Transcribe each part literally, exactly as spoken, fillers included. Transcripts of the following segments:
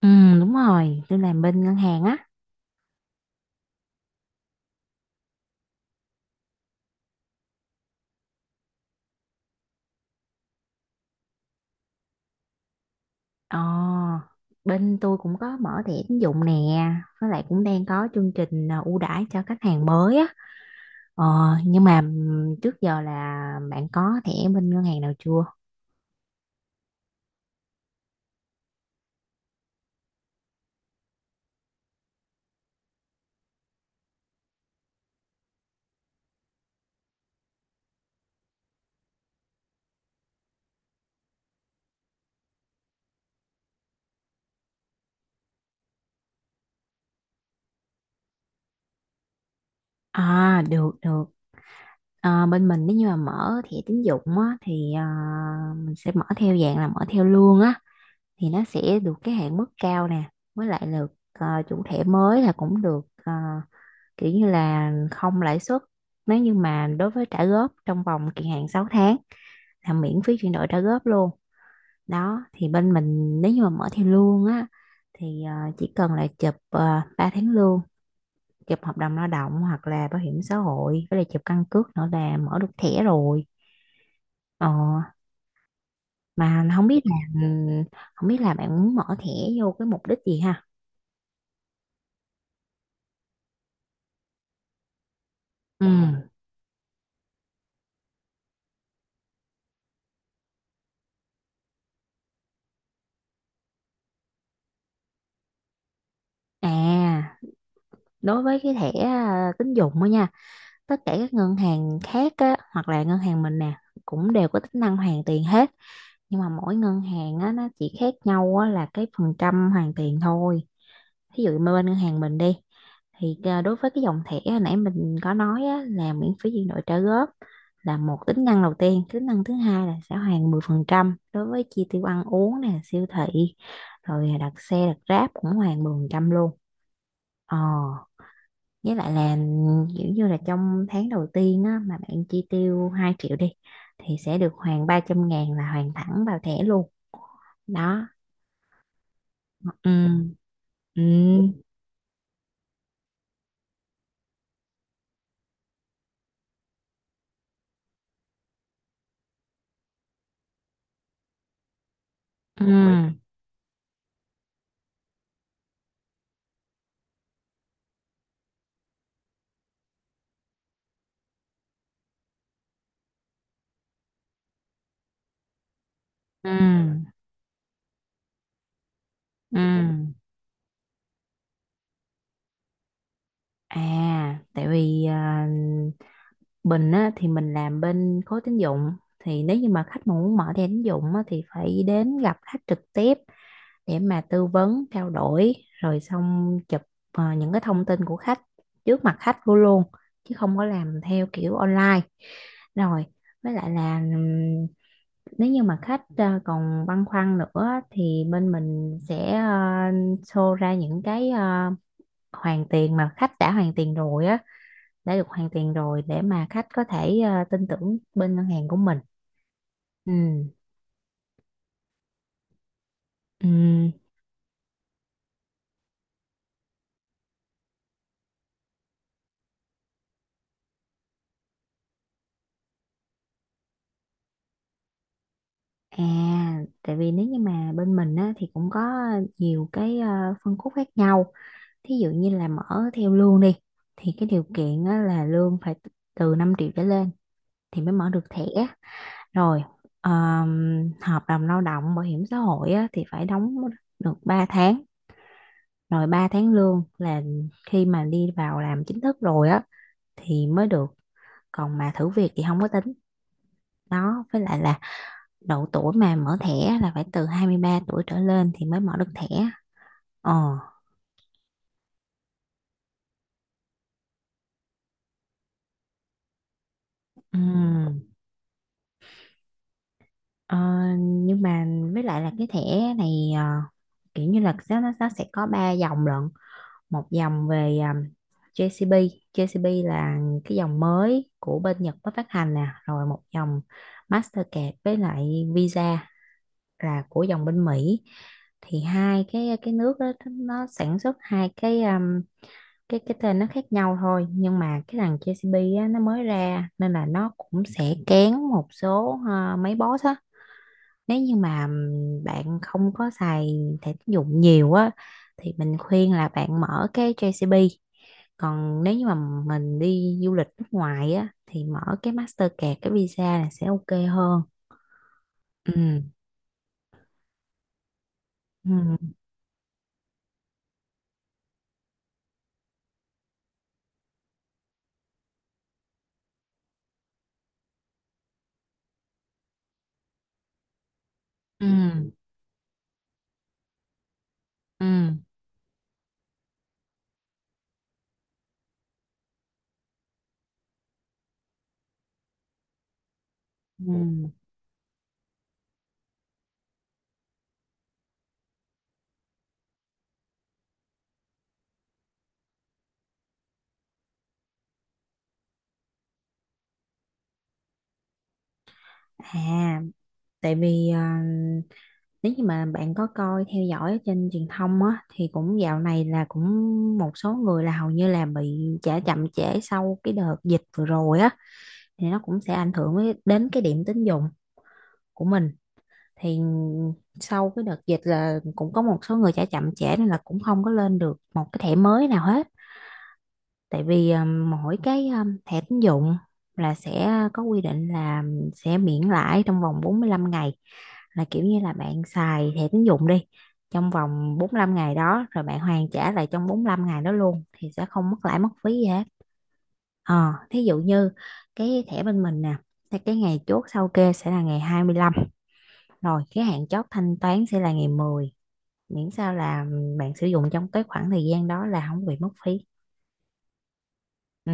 Ừ đúng rồi, tôi làm bên ngân hàng á. Ờ, bên tôi cũng có mở thẻ tín dụng nè, với lại cũng đang có chương trình à, ưu đãi cho khách hàng mới á. Ờ, nhưng mà ừm, trước giờ là bạn có thẻ bên ngân hàng nào chưa? À, được được. Ờ, bên mình nếu như mà mở thẻ tín dụng á thì à, mình sẽ mở theo dạng là mở theo lương á, thì nó sẽ được cái hạn mức cao nè, với lại được à, chủ thẻ mới là cũng được, ờ, kiểu như là không lãi suất, nếu như mà đối với trả góp trong vòng kỳ hạn sáu tháng là miễn phí chuyển đổi trả góp luôn. Đó thì bên mình nếu như mà mở theo lương á thì ờ, chỉ cần là chụp uh, ba tháng lương, chụp hợp đồng lao động hoặc là bảo hiểm xã hội, với lại chụp căn cước nữa là mở được thẻ rồi. Ờ, mà không biết là, ừ, không biết là bạn muốn mở thẻ vô cái mục đích gì ha? Ừ. À, đối với cái thẻ à, tín dụng á nha, tất cả các ngân hàng khác á, hoặc là ngân hàng mình nè, cũng đều có tính năng hoàn tiền hết. Nhưng mà mỗi ngân hàng á, nó chỉ khác nhau á, là cái phần trăm hoàn tiền thôi. Ví dụ mà bên ngân hàng mình đi, thì à, đối với cái dòng thẻ hồi nãy mình có nói á, là miễn phí chuyển đổi trả góp là một tính năng đầu tiên. Tính năng thứ hai là sẽ hoàn mười phần trăm đối với chi tiêu ăn uống nè, siêu thị, rồi à, đặt xe, đặt Grab cũng hoàn mười phần trăm luôn. ờ với lại là kiểu như là trong tháng đầu tiên á, mà bạn chi tiêu hai triệu đi thì sẽ được hoàn ba trăm ngàn, là hoàn thẳng vào thẻ luôn đó. Ừ. Ừ. Ừ. Ừ. Ừ. À, tại vì à, Bình á, thì mình làm bên khối tín dụng, thì nếu như mà khách mà muốn mở thẻ tín dụng á, thì phải đến gặp khách trực tiếp để mà tư vấn, trao đổi, rồi xong chụp ờ, những cái thông tin của khách trước mặt khách của luôn, chứ không có làm theo kiểu online. Rồi với lại là, ừm, nếu như mà khách ờ, còn băn khoăn nữa, thì bên mình sẽ ờ, show ra những cái, ờ, hoàn tiền mà khách đã hoàn tiền rồi á, đã được hoàn tiền rồi, để mà khách có thể ờ, tin tưởng bên ngân hàng của mình. Ừ. Ừ. À, tại vì nếu như mà bên mình á, thì cũng có nhiều cái ờ, phân khúc khác nhau. Thí dụ như là mở theo lương đi, thì cái điều kiện á, là lương phải từ năm triệu trở lên thì mới mở được thẻ. Rồi, ờm, hợp đồng lao động, bảo hiểm xã hội á, thì phải đóng được ba tháng. Rồi ba tháng lương là khi mà đi vào làm chính thức rồi á, thì mới được. Còn mà thử việc thì không có tính. Đó, với lại là độ tuổi mà mở thẻ là phải từ hai mươi ba tuổi trở lên thì mới mở được thẻ. ờ ừm. Ờ, nhưng mà với lại là cái thẻ này, ờ, kiểu như là nó nó nó sẽ có ba dòng lận, một dòng về, um, gi xê bê. gi xê bê là cái dòng mới của bên Nhật mới phát hành nè, rồi một dòng Mastercard với lại Visa là của dòng bên Mỹ. Thì hai cái cái nước đó nó sản xuất hai cái, um, cái cái tên nó khác nhau thôi, nhưng mà cái thằng gi xê bê á, nó mới ra nên là nó cũng sẽ kén một số, ờ, mấy boss á. Nếu như mà ừm, bạn không có xài thẻ tín dụng nhiều á, thì mình khuyên là bạn mở cái gi xê bê. Còn nếu như mà mình đi du lịch nước ngoài á thì mở cái Mastercard, cái visa là sẽ ok hơn. Ừ. Ừ. Ừ. Ừ. Ừ. À, tại vì ờ, nếu như mà bạn có coi theo dõi ở trên truyền thông á, thì cũng dạo này là cũng một số người là hầu như là bị trả chậm trễ sau cái đợt dịch vừa rồi á, thì nó cũng sẽ ảnh hưởng với- đến cái điểm tín dụng của mình. Thì sau cái đợt dịch là cũng có một số người trả chậm trễ, nên là cũng không có lên được một cái thẻ mới nào hết. Tại vì um, mỗi cái, um, thẻ tín dụng là sẽ có quy định là sẽ miễn lãi trong vòng bốn mươi lăm ngày, là kiểu như là bạn xài thẻ tín dụng đi trong vòng bốn mươi lăm ngày đó, rồi bạn hoàn trả lại trong bốn mươi lăm ngày đó luôn, thì sẽ không mất lãi mất phí gì hết. Ờ thí dụ như cái thẻ bên mình nè, thì cái ngày chốt sau kê sẽ là ngày hai mươi lăm, rồi cái hạn chót thanh toán sẽ là ngày mười. Miễn sao là bạn sử dụng trong cái khoảng thời gian đó là không bị mất phí. Ừ,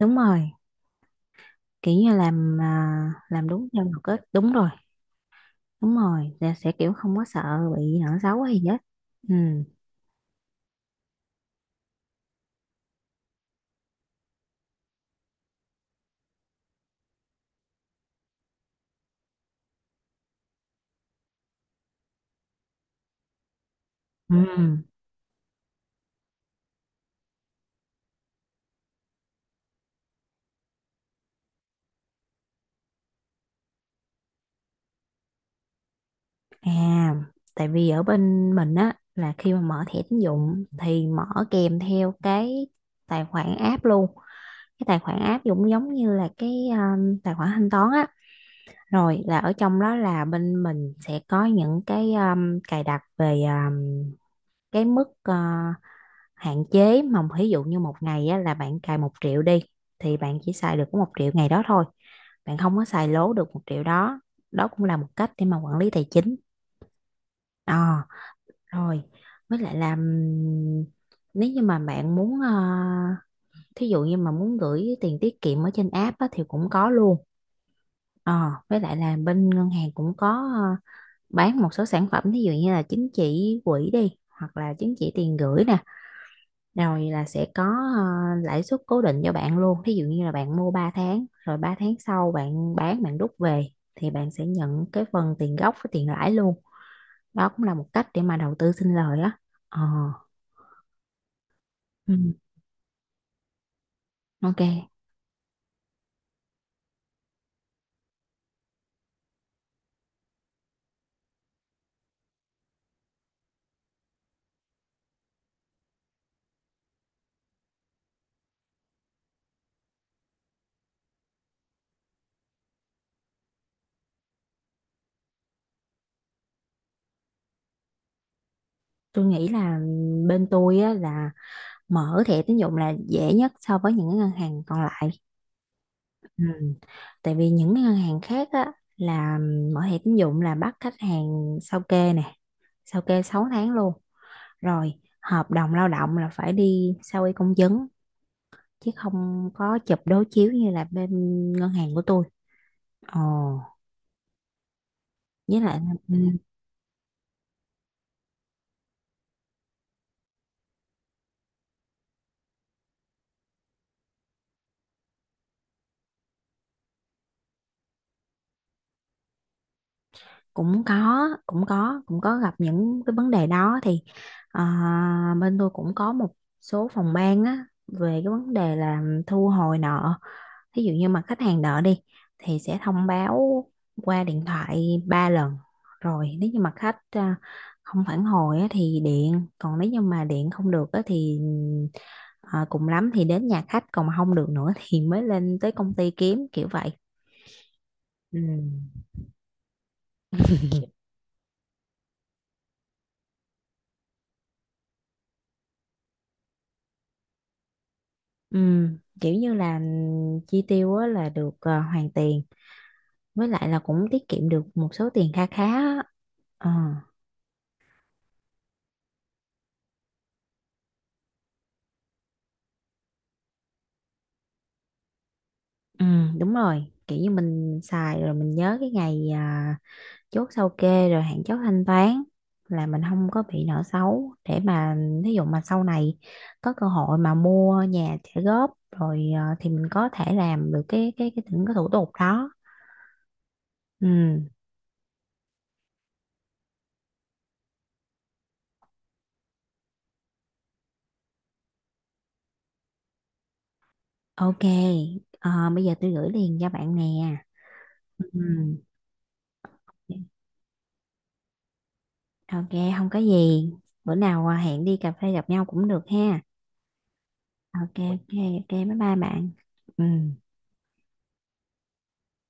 đúng rồi, kiểu như làm à, làm đúng theo luật á, đúng rồi. Đúng rồi, là sẽ kiểu không có sợ bị nợ xấu hay gì hết. Ừ. Ừ. À, tại vì ở bên mình á, là khi mà mở thẻ tín dụng thì mở kèm theo cái tài khoản app luôn. Cái tài khoản app cũng giống như là cái, um, tài khoản thanh toán á. Rồi là ở trong đó là bên mình sẽ có những cái, um, cài đặt về, um, cái mức, à, hạn chế mà ví dụ như một ngày á, là bạn cài một triệu đi, thì bạn chỉ xài được có một triệu ngày đó thôi, bạn không có xài lố được một triệu đó. Đó cũng là một cách để mà quản lý tài chính. Ờ Rồi với lại là, ừm, nếu như mà bạn muốn, ờ, thí dụ như mà muốn gửi tiền tiết kiệm ở trên app á, thì cũng có luôn. Ờ với lại là bên ngân hàng cũng có, ờ, bán một số sản phẩm, thí dụ như là chứng chỉ quỹ đi, hoặc là chứng chỉ tiền gửi nè, rồi là sẽ có ờ, lãi suất cố định cho bạn luôn. Thí dụ như là bạn mua ba tháng, rồi ba tháng sau bạn bán, bạn rút về, thì bạn sẽ nhận cái phần tiền gốc với tiền lãi luôn. Đó cũng là một cách để mà đầu tư sinh lời á. ờ ừ, ok, tôi nghĩ là bên tôi á, là mở thẻ tín dụng là dễ nhất so với những cái ngân hàng còn lại. Ừ. Tại vì những cái ngân hàng khác á, là mở thẻ tín dụng là bắt khách hàng sao kê nè, sao kê sáu tháng luôn. Rồi hợp đồng lao động là phải đi sao y công chứng, chứ không có chụp đối chiếu như là bên ngân hàng của tôi. Ồ, với lại, ừ, cũng có cũng có cũng có gặp những cái vấn đề đó, thì à, bên tôi cũng có một số phòng ban á về cái vấn đề là thu hồi nợ. Thí dụ như mà khách hàng đợi đi, thì sẽ thông báo qua điện thoại ba lần, rồi nếu như mà khách, à, không phản hồi á, thì điện. Còn nếu như mà điện không được á, thì à, cùng lắm thì đến nhà khách. Còn mà không được nữa thì mới lên tới công ty kiếm, kiểu vậy. Ừ. Ừ, kiểu như là chi tiêu á, là được, à, hoàn tiền, với lại là cũng tiết kiệm được một số tiền kha khá á. Ờ, ừ, đúng rồi, kiểu như mình xài rồi mình nhớ cái ngày, à, chốt sao kê rồi hạn chót thanh toán, là mình không có bị nợ xấu, để mà ví dụ mà sau này có cơ hội mà mua nhà trả góp rồi, ờ, thì mình có thể làm được cái cái cái những cái thủ tục đó. Ừ. Ok. Ờ, bây giờ tôi gửi liền cho bạn nè. Ừ. Ok. Không có gì. Bữa nào ờ, hẹn đi cà phê gặp nhau cũng được ha. Ok. Ok. Ok, bye bye bạn. Ừ.